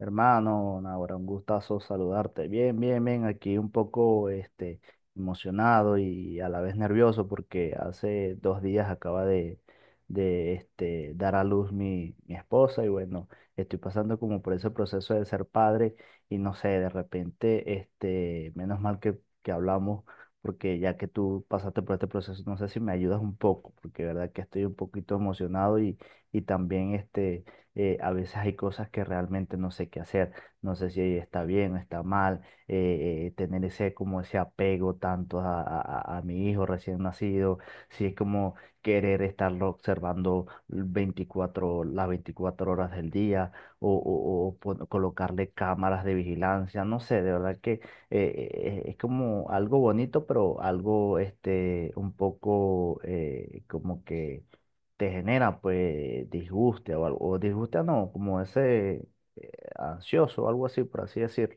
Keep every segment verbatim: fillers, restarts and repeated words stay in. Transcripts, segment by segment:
Hermano, Nahuara, un gustazo saludarte. Bien, bien, bien, aquí un poco este, emocionado y a la vez nervioso porque hace dos días acaba de, de este, dar a luz mi, mi esposa y bueno, estoy pasando como por ese proceso de ser padre y no sé, de repente, este, menos mal que, que hablamos porque ya que tú pasaste por este proceso, no sé si me ayudas un poco porque de verdad que estoy un poquito emocionado y, y también este eh, a veces hay cosas que realmente no sé qué hacer, no sé si está bien o está mal, eh, eh, tener ese como ese apego tanto a, a- a- a mi hijo recién nacido, si es como querer estarlo observando veinticuatro las veinticuatro horas del día o, o- o pon- colocarle cámaras de vigilancia, no sé, de verdad que eh, es como algo bonito, pero algo este, un poco eh, como que te genera pues disguste o algo, o disguste no, como ese eh, ansioso o algo así, por así decirlo.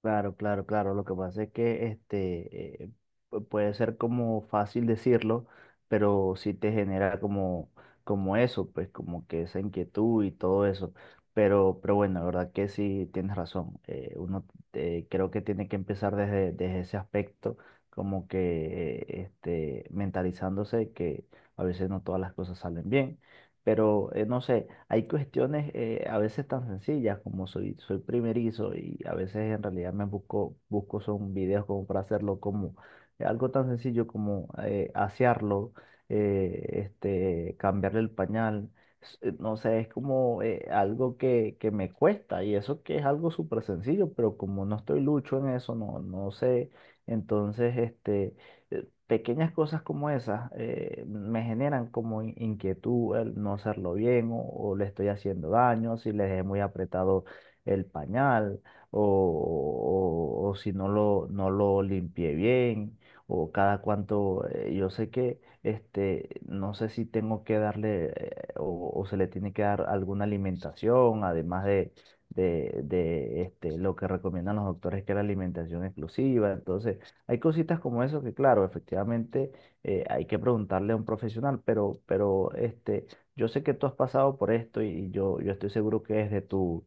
Claro, claro, claro. Lo que pasa es que este eh, pu- puede ser como fácil decirlo, pero sí te genera como, como eso, pues como que esa inquietud y todo eso. Pero, pero bueno, la verdad que sí tienes razón. Eh, uno eh, creo que tiene que empezar desde, desde ese aspecto, como que eh, este, mentalizándose que a veces no todas las cosas salen bien. Pero eh, no sé, hay cuestiones eh, a veces tan sencillas como soy, soy primerizo y a veces en realidad me busco, busco son videos como para hacerlo como eh, algo tan sencillo como eh, asearlo, eh, este, cambiarle el pañal. s- eh, No sé, es como eh, algo que, que me cuesta y eso que es algo súper sencillo, pero como no estoy lucho en eso, no, no sé. Entonces, este eh, pequeñas cosas como esas eh, me generan como in- inquietud el no hacerlo bien o, o le estoy haciendo daño, si le dejé muy apretado el pañal o, o- o si no lo, no lo limpié bien o cada cuanto, eh, yo sé que este, no sé si tengo que darle eh, o, o se le tiene que dar alguna alimentación, además de... De, de este, lo que recomiendan los doctores que es la alimentación exclusiva. Entonces, hay cositas como eso que, claro, efectivamente eh, hay que preguntarle a un profesional, pero, pero este, yo sé que tú has pasado por esto y yo, yo estoy seguro que desde tu,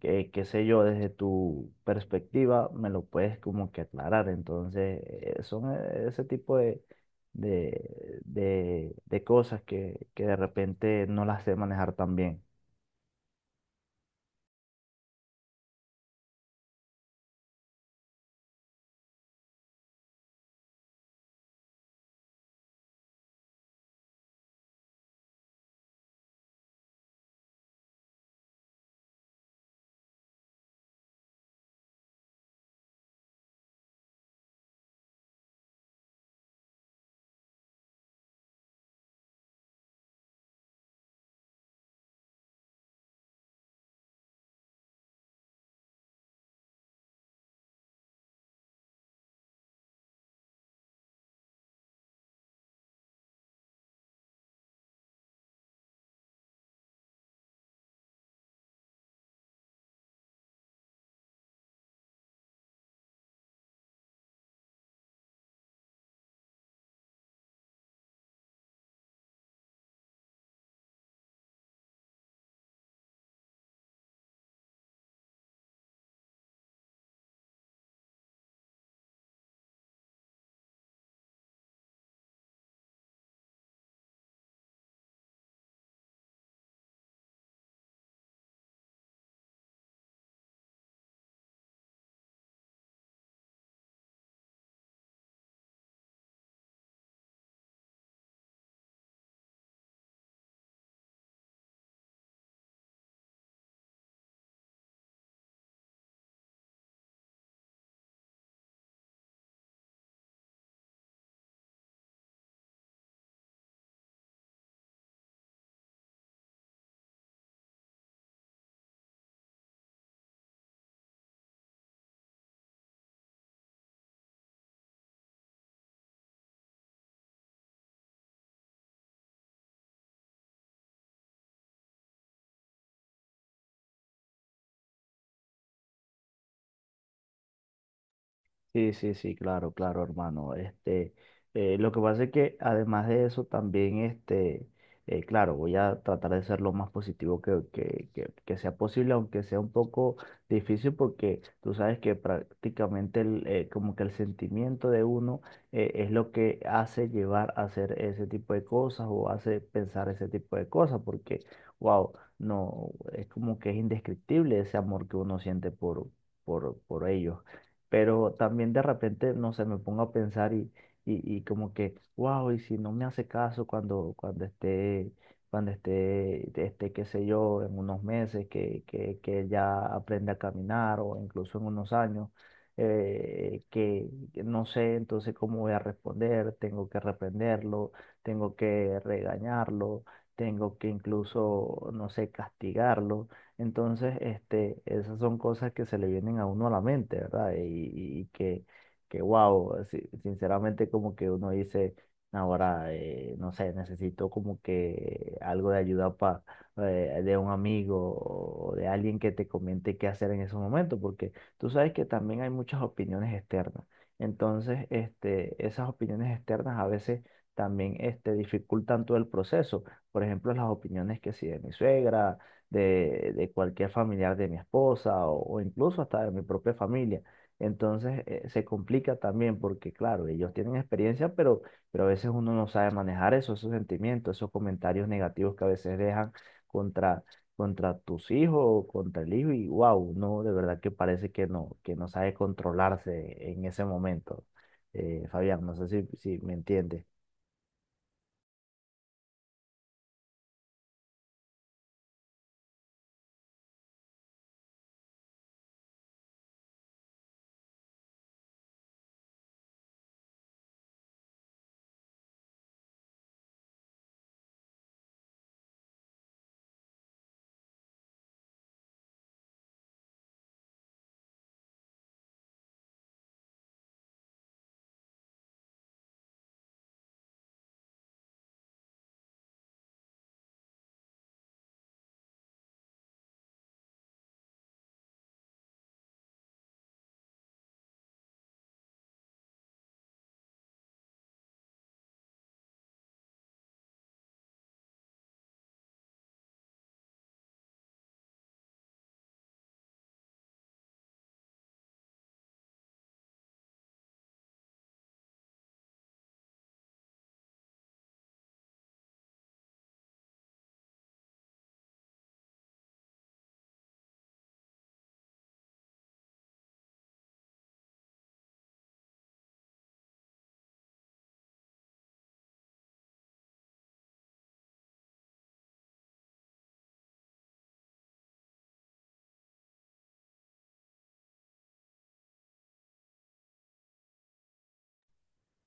que, qué sé yo, desde tu perspectiva me lo puedes como que aclarar. Entonces, eh, son eh, ese tipo de, de, de, de cosas que, que de repente no las sé manejar tan bien. Sí, sí, sí, claro, claro, hermano. Este, eh, lo que pasa es que además de eso también, este, eh, claro, voy a tratar de ser lo más positivo que, que, que, que sea posible, aunque sea un poco difícil, porque tú sabes que prácticamente el, eh, como que el sentimiento de uno eh, es lo que hace llevar a hacer ese tipo de cosas o hace pensar ese tipo de cosas, porque, wow, no, es como que es indescriptible ese amor que uno siente por, por, por ellos pero también de repente, no sé, me pongo a pensar y, y, y como que, wow, y si no me hace caso cuando, cuando esté, cuando esté, esté, qué sé yo, en unos meses, que, que, que ya aprende a caminar o incluso en unos años, eh, que que no sé entonces cómo voy a responder, tengo que reprenderlo, tengo que regañarlo, tengo que incluso, no sé, castigarlo. Entonces, este, esas son cosas que se le vienen a uno a la mente, ¿verdad? Y, y- y que, que wow, sinceramente como que uno dice, ahora, eh, no sé, necesito como que algo de ayuda pa, eh, de un amigo o de alguien que te comente qué hacer en ese momento, porque tú sabes que también hay muchas opiniones externas. Entonces, este, esas opiniones externas a veces también, este, dificultan todo el proceso. Por ejemplo, las opiniones que si de mi suegra de, de cualquier familiar de mi esposa o, o incluso hasta de mi propia familia. Entonces eh, se complica también porque, claro, ellos tienen experiencia, pero, pero a veces uno no sabe manejar eso, esos sentimientos, esos comentarios negativos que a veces dejan contra, contra tus hijos o contra el hijo y wow, no, de verdad que parece que no, que no sabe controlarse en ese momento. Eh, Fabián, no sé si, si me entiendes.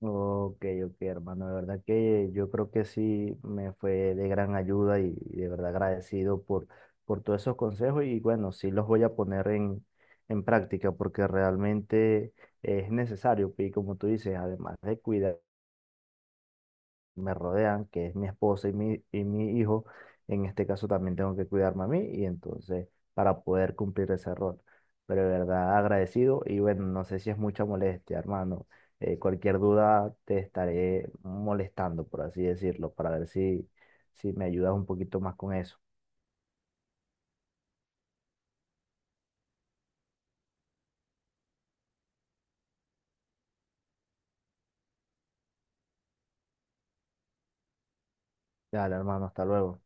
Ok, ok, hermano, de verdad que yo creo que sí me fue de gran ayuda y, y de verdad agradecido por, por todos esos consejos y bueno, sí los voy a poner en, en práctica porque realmente es necesario pues, y como tú dices, además de cuidar me rodean, que es mi esposa y mi, y mi hijo, en este caso también tengo que cuidarme a mí y entonces para poder cumplir ese rol. Pero de verdad agradecido y bueno, no sé si es mucha molestia, hermano. Eh, cualquier duda te estaré molestando, por así decirlo, para ver si, si me ayudas un poquito más con eso. Dale, hermano, hasta luego.